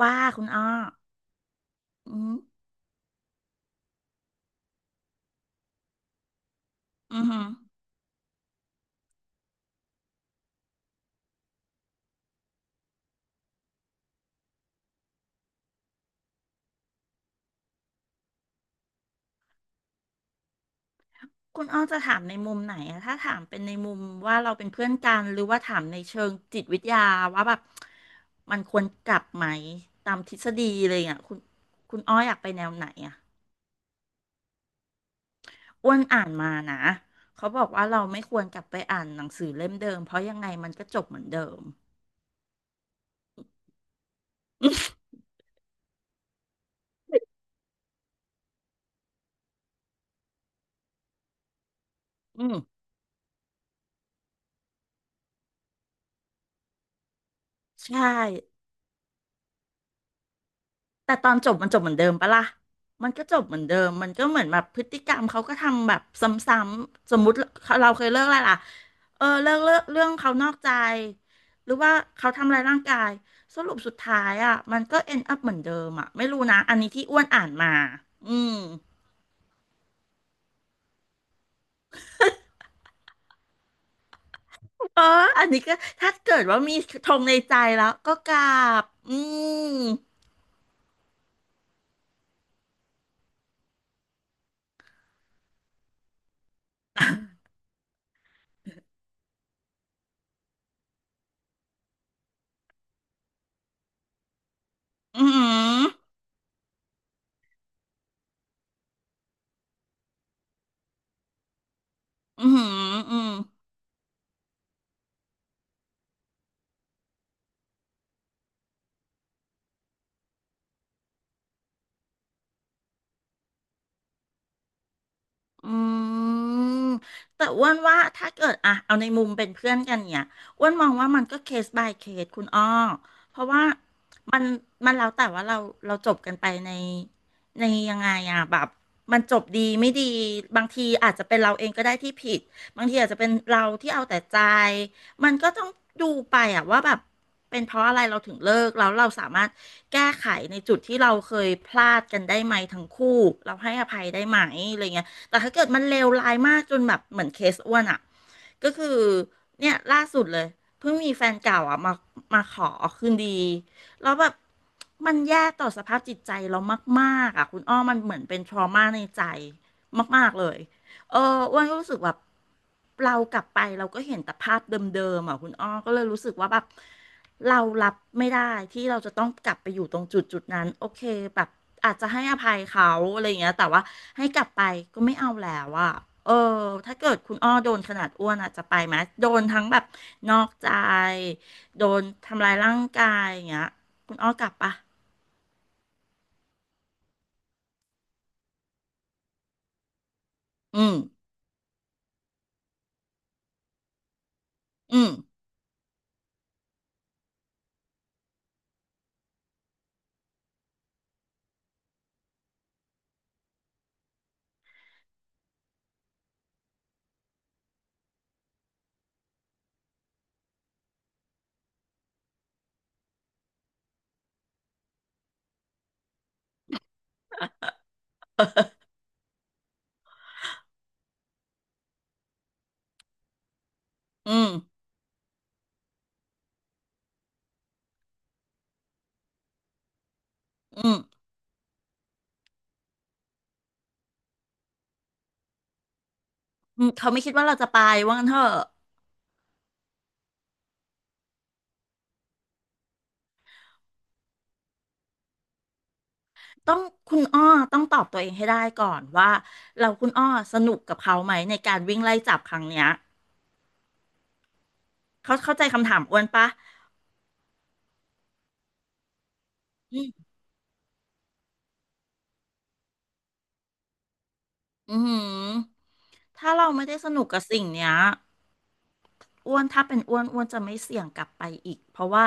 ว่าคุณอ้ออืมอือหือคุณอ้อจะถามในมุมไหนอะ ถ้าถามเป็นในมุมว่าเราเป็นเพื่อนกันหรือว่าถามในเชิงจิตวิทยาว่าแบบมันควรกลับไหมตามทฤษฎีเลยอ่ะคุณคุณอ้ออยากไปแนวไหนอ่ะอ้วนอ่านมานะเขาบอกว่าเราไม่ควรกลับไปอ่านหนังสือเล่มเดิมเพราะยังไงมันก็จบเหมือนเดิม อืมใช่ แต่ตอนจบมันจบเหมือนเดิมปะล่ะมันก็จบเหมือนเดิมมันก็เหมือนแบบพฤติกรรมเขาก็ทำแบบซ้ำๆสมมุติเราเคยเลิกอะไรล่ะเออเลิกเลิกเรื่องเขานอกใจหรือว่าเขาทำอะไรายร่างกายสรุปสุดท้ายอ่ะมันก็ end up เหมือนเดิมอ่ะไม่รู้นะอันนี้ที่อ้วนอ่านมาอืมเอออันนี้ก็ถ้าเกิดว่ามีธงในใจแล้วก็กราบอืมอืมอหืมออืมอหืออืม อืมแต่อ้วนว่าถ้าเกิดอะเอาในมุมเป็นเพื่อนกันเนี่ยอ้วนมองว่ามันก็เคส by เคสคุณอ้อเพราะว่ามันมันแล้วแต่ว่าเราจบกันไปในยังไงอะแบบมันจบดีไม่ดีบางทีอาจจะเป็นเราเองก็ได้ที่ผิดบางทีอาจจะเป็นเราที่เอาแต่ใจมันก็ต้องดูไปอะว่าแบบเป็นเพราะอะไรเราถึงเลิกแล้วเราสามารถแก้ไขในจุดที่เราเคยพลาดกันได้ไหมทั้งคู่เราให้อภัยได้ไหมอะไรเงี้ย แต่ถ้าเกิดมันเลวร้ายมากจนแบบเหมือนเคสอ้วนอ่ะก็คือเนี่ยล่าสุดเลยเพิ่งมีแฟนเก่าอ่ะมาขอคืนดีแล้วแบบมันแย่ต่อสภาพจิตใจเรามากๆอ่ะคุณอ้อมันเหมือนเป็นทรมาในใจมากๆเลยเอออ้วนก็รู้สึกแบบเรากลับไปเราก็เห็นแต่ภาพเดิมๆอ่ะคุณอ้อก็เลยรู้สึกว่าแบบ เรารับไม่ได้ที่เราจะต้องกลับไปอยู่ตรงจุดนั้นโอเคแบบอาจจะให้อภัยเขาอะไรอย่างเงี้ยแต่ว่าให้กลับไปก็ไม่เอาแล้วอะเออถ้าเกิดคุณอ้อโดนขนาดอ้วนอาจจะไปไหมโดนทั้งแบบนอกใจโดนทำลายร่างกายอย่างเงี้ยคุณอ้อกลับปะอืมอืมอืมอืมอืมเขาไม่คิดว่าเราจะไปว่างั้นเถอะต้องคุณอ้อต้องตอบตัวเองให้ได้ก่อนว่าเราคุณอ้อสนุกกับเขาไหมในการวิ่งไล่จับครั้งเนี้ย เขาเข้าใจคำถามอ้วนปะ อืมอือหือถ้าเราไม่ได้สนุกกับสิ่งเนี้ยอ้วนถ้าเป็นอ้วนอ้วนจะไม่เสี่ยงกลับไปอีกเพราะว่า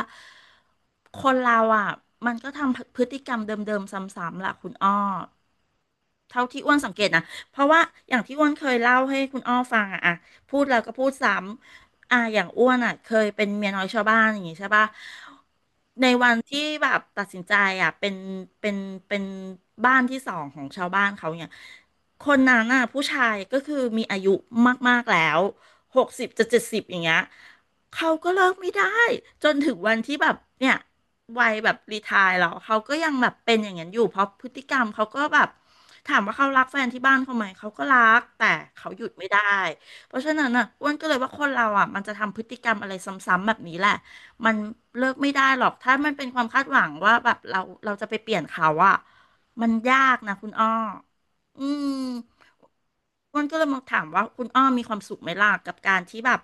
คนเราอ่ะมันก็ทำพฤติกรรมเดิมๆซ้ำๆแหละคุณอ้อ เท่าที่อ้วนสังเกตนะเพราะว่าอย่างที่อ้วนเคยเล่าให้คุณอ้อฟังอะพูดแล้วก็พูดซ้ำ อ่ะอย่างอ้วนอะเคยเป็นเมียน้อยชาวบ้านอย่างงี้ใช่ปะในวันที่แบบตัดสินใจอะเป็นเป็นบ้านที่สองของชาวบ้านเขาเนี่ยคนนั้นน่ะผู้ชายก็คือมีอายุมากๆแล้ว60จะ70อย่างเงี้ยเขาก็เลิกไม่ได้จนถึงวันที่แบบเนี่ยวัยแบบรีไทร์แล้วเขาก็ยังแบบเป็นอย่างนั้นอยู่เพราะพฤติกรรมเขาก็แบบ ถามว่าเขารักแฟนที่บ้านเขาไหมเขาก็รักแต่เขาหยุดไม่ได้เพราะฉะนั้นน่ะอ้วนก็เลยว่าคนเราอ่ะมันจะทำพฤติกรรมอะไรซ้ำๆแบบนี้แหละมันเลิกไม่ได้หรอกถ้ามันเป็นความคาดหวังว่าแบบเราจะไปเปลี่ยนเขาอ่ะมันยากนะคุณอ้ออืมอ้วนก็เลยมาถามว่าคุณอ้อมีความสุขไหมล่ะกับการที่แบบ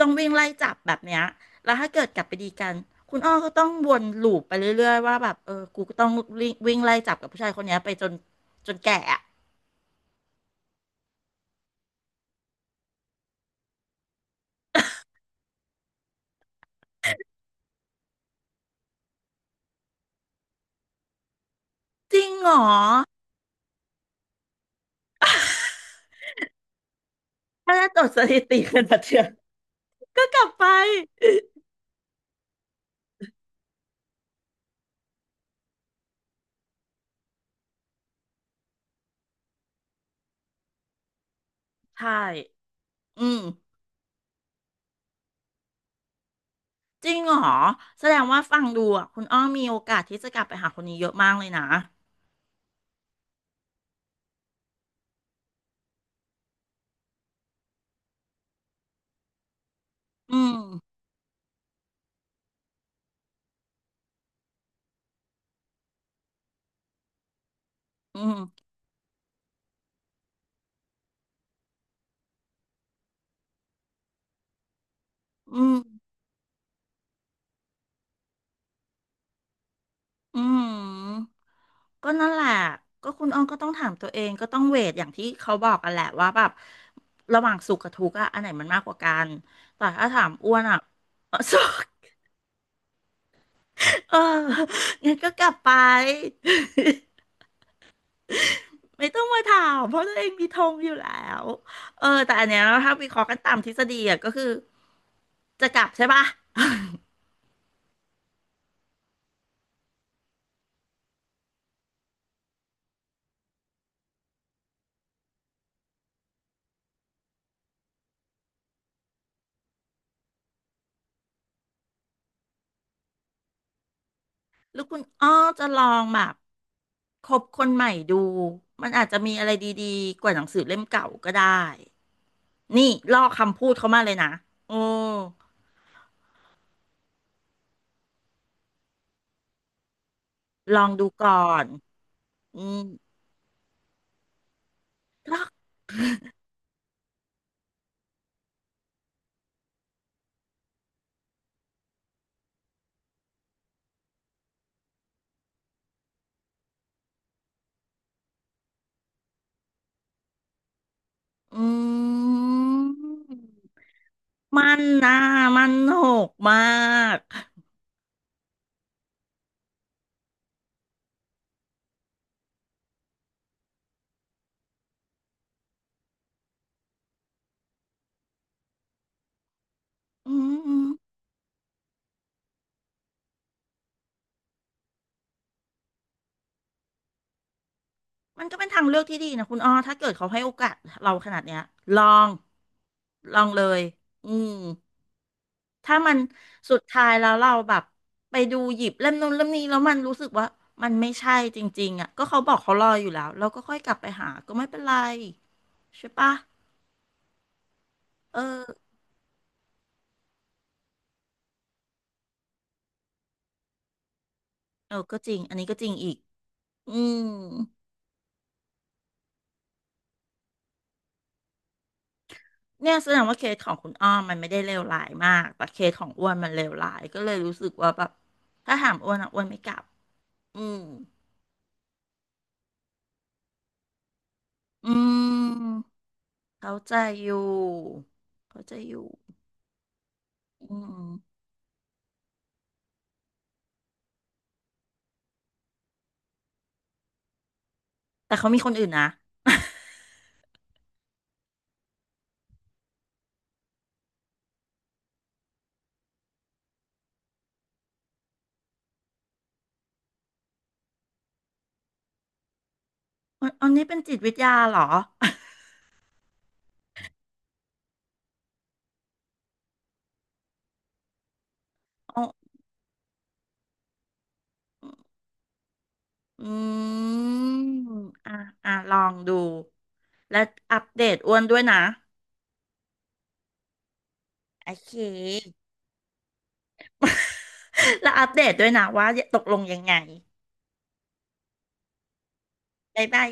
ต้องวิ่งไล่จับแบบเนี้ย แล้วถ้าเกิดกลับไปดีกันคุณอ้อก็ต้องวนลูปไปเรื่อยๆว่าแบบ เออ กูก็ต้องวิ่งวิ่งไล่จับกับผู้ชายคนเนี้ยไปจนแก่อะจริงเหรอถ้าจะตรวจสถิติกันแบบเชืยอก็กลับไปใช่อืมจริงเหรอแสดงว่าฟังดูอ่ะคุณอ้อมีโอกาสที่จะกลับไปหาคนนี้เยอะมากเลยนะอืมอืมอืมอืม ก็นั่นแหละ ก็คุณอ้อมก็ต้องถามตัวเองก็ต้องเวทอย่างที่เขาบอกกันแหละว่าแบบระหว่างสุขกับทุกข์อะอันไหนมันมากกว่ากัน แต่ถ้าถามอ้วนอะ เออสุขเอองั้นก็กลับไป ไม่ต้องมาถามเพราะตัวเองมีธงอยู่แล้วเออแต่อันเนี้ยถ้าวิเคราะห์กันตามทฤษฎีอะก็คือจะกลับใช่ปะแล้วคุณอ้อจะลองแบบคบคนใหม่ดูมันอาจจะมีอะไรดีๆกว่าหนังสือเล่มเก่าก็ได้ นี่ลอกคำพูดเขามาเลยนะอืมลองดูก่อนอืมอืมมันนะมันโหกมาก อืมอืมมันก็เป็นทางเลือกที่ดีนะคุณอ้อถ้าเกิดเขาให้โอกาสเราขนาดเนี้ยลอง ลองเลยอืมถ้ามันสุดท้ายแล้วเราแบบไปดูหยิบเล่มนู้นเล่มนี้แล้วมันรู้สึกว่ามันไม่ใช่จริงๆอ่ะก็เขาบอกเขารออยู่แล้วเราก็ค่อยกลับไปหาก็ไม่เป็นไรใช่ปะเออ เออก็จริงอันนี้ก็จริงอีกอืมเนี่ยแสดงว่าเคสของคุณอ้อมมันไม่ได้เลวร้ายมาก แต่เคสของอ้วนมันเลวร้ายก็เลยรู้สึกว่าแบบถ้าถามอ้วนอ่ะอ้วนไม่กลับอืมอืมเขาใจอยู่เขาใจอยู่อืมแต่เขามีคนอื่นนะ อันนี้เป็นจิตวิทยาเหรอ อ๋ออืมอ่ะอ่ะลองดูและอัปเดตอ้วนด้วยนะโอเค แล้วอัปเดตด้วยนะว่าตกลงยังไงบ๊ายบาย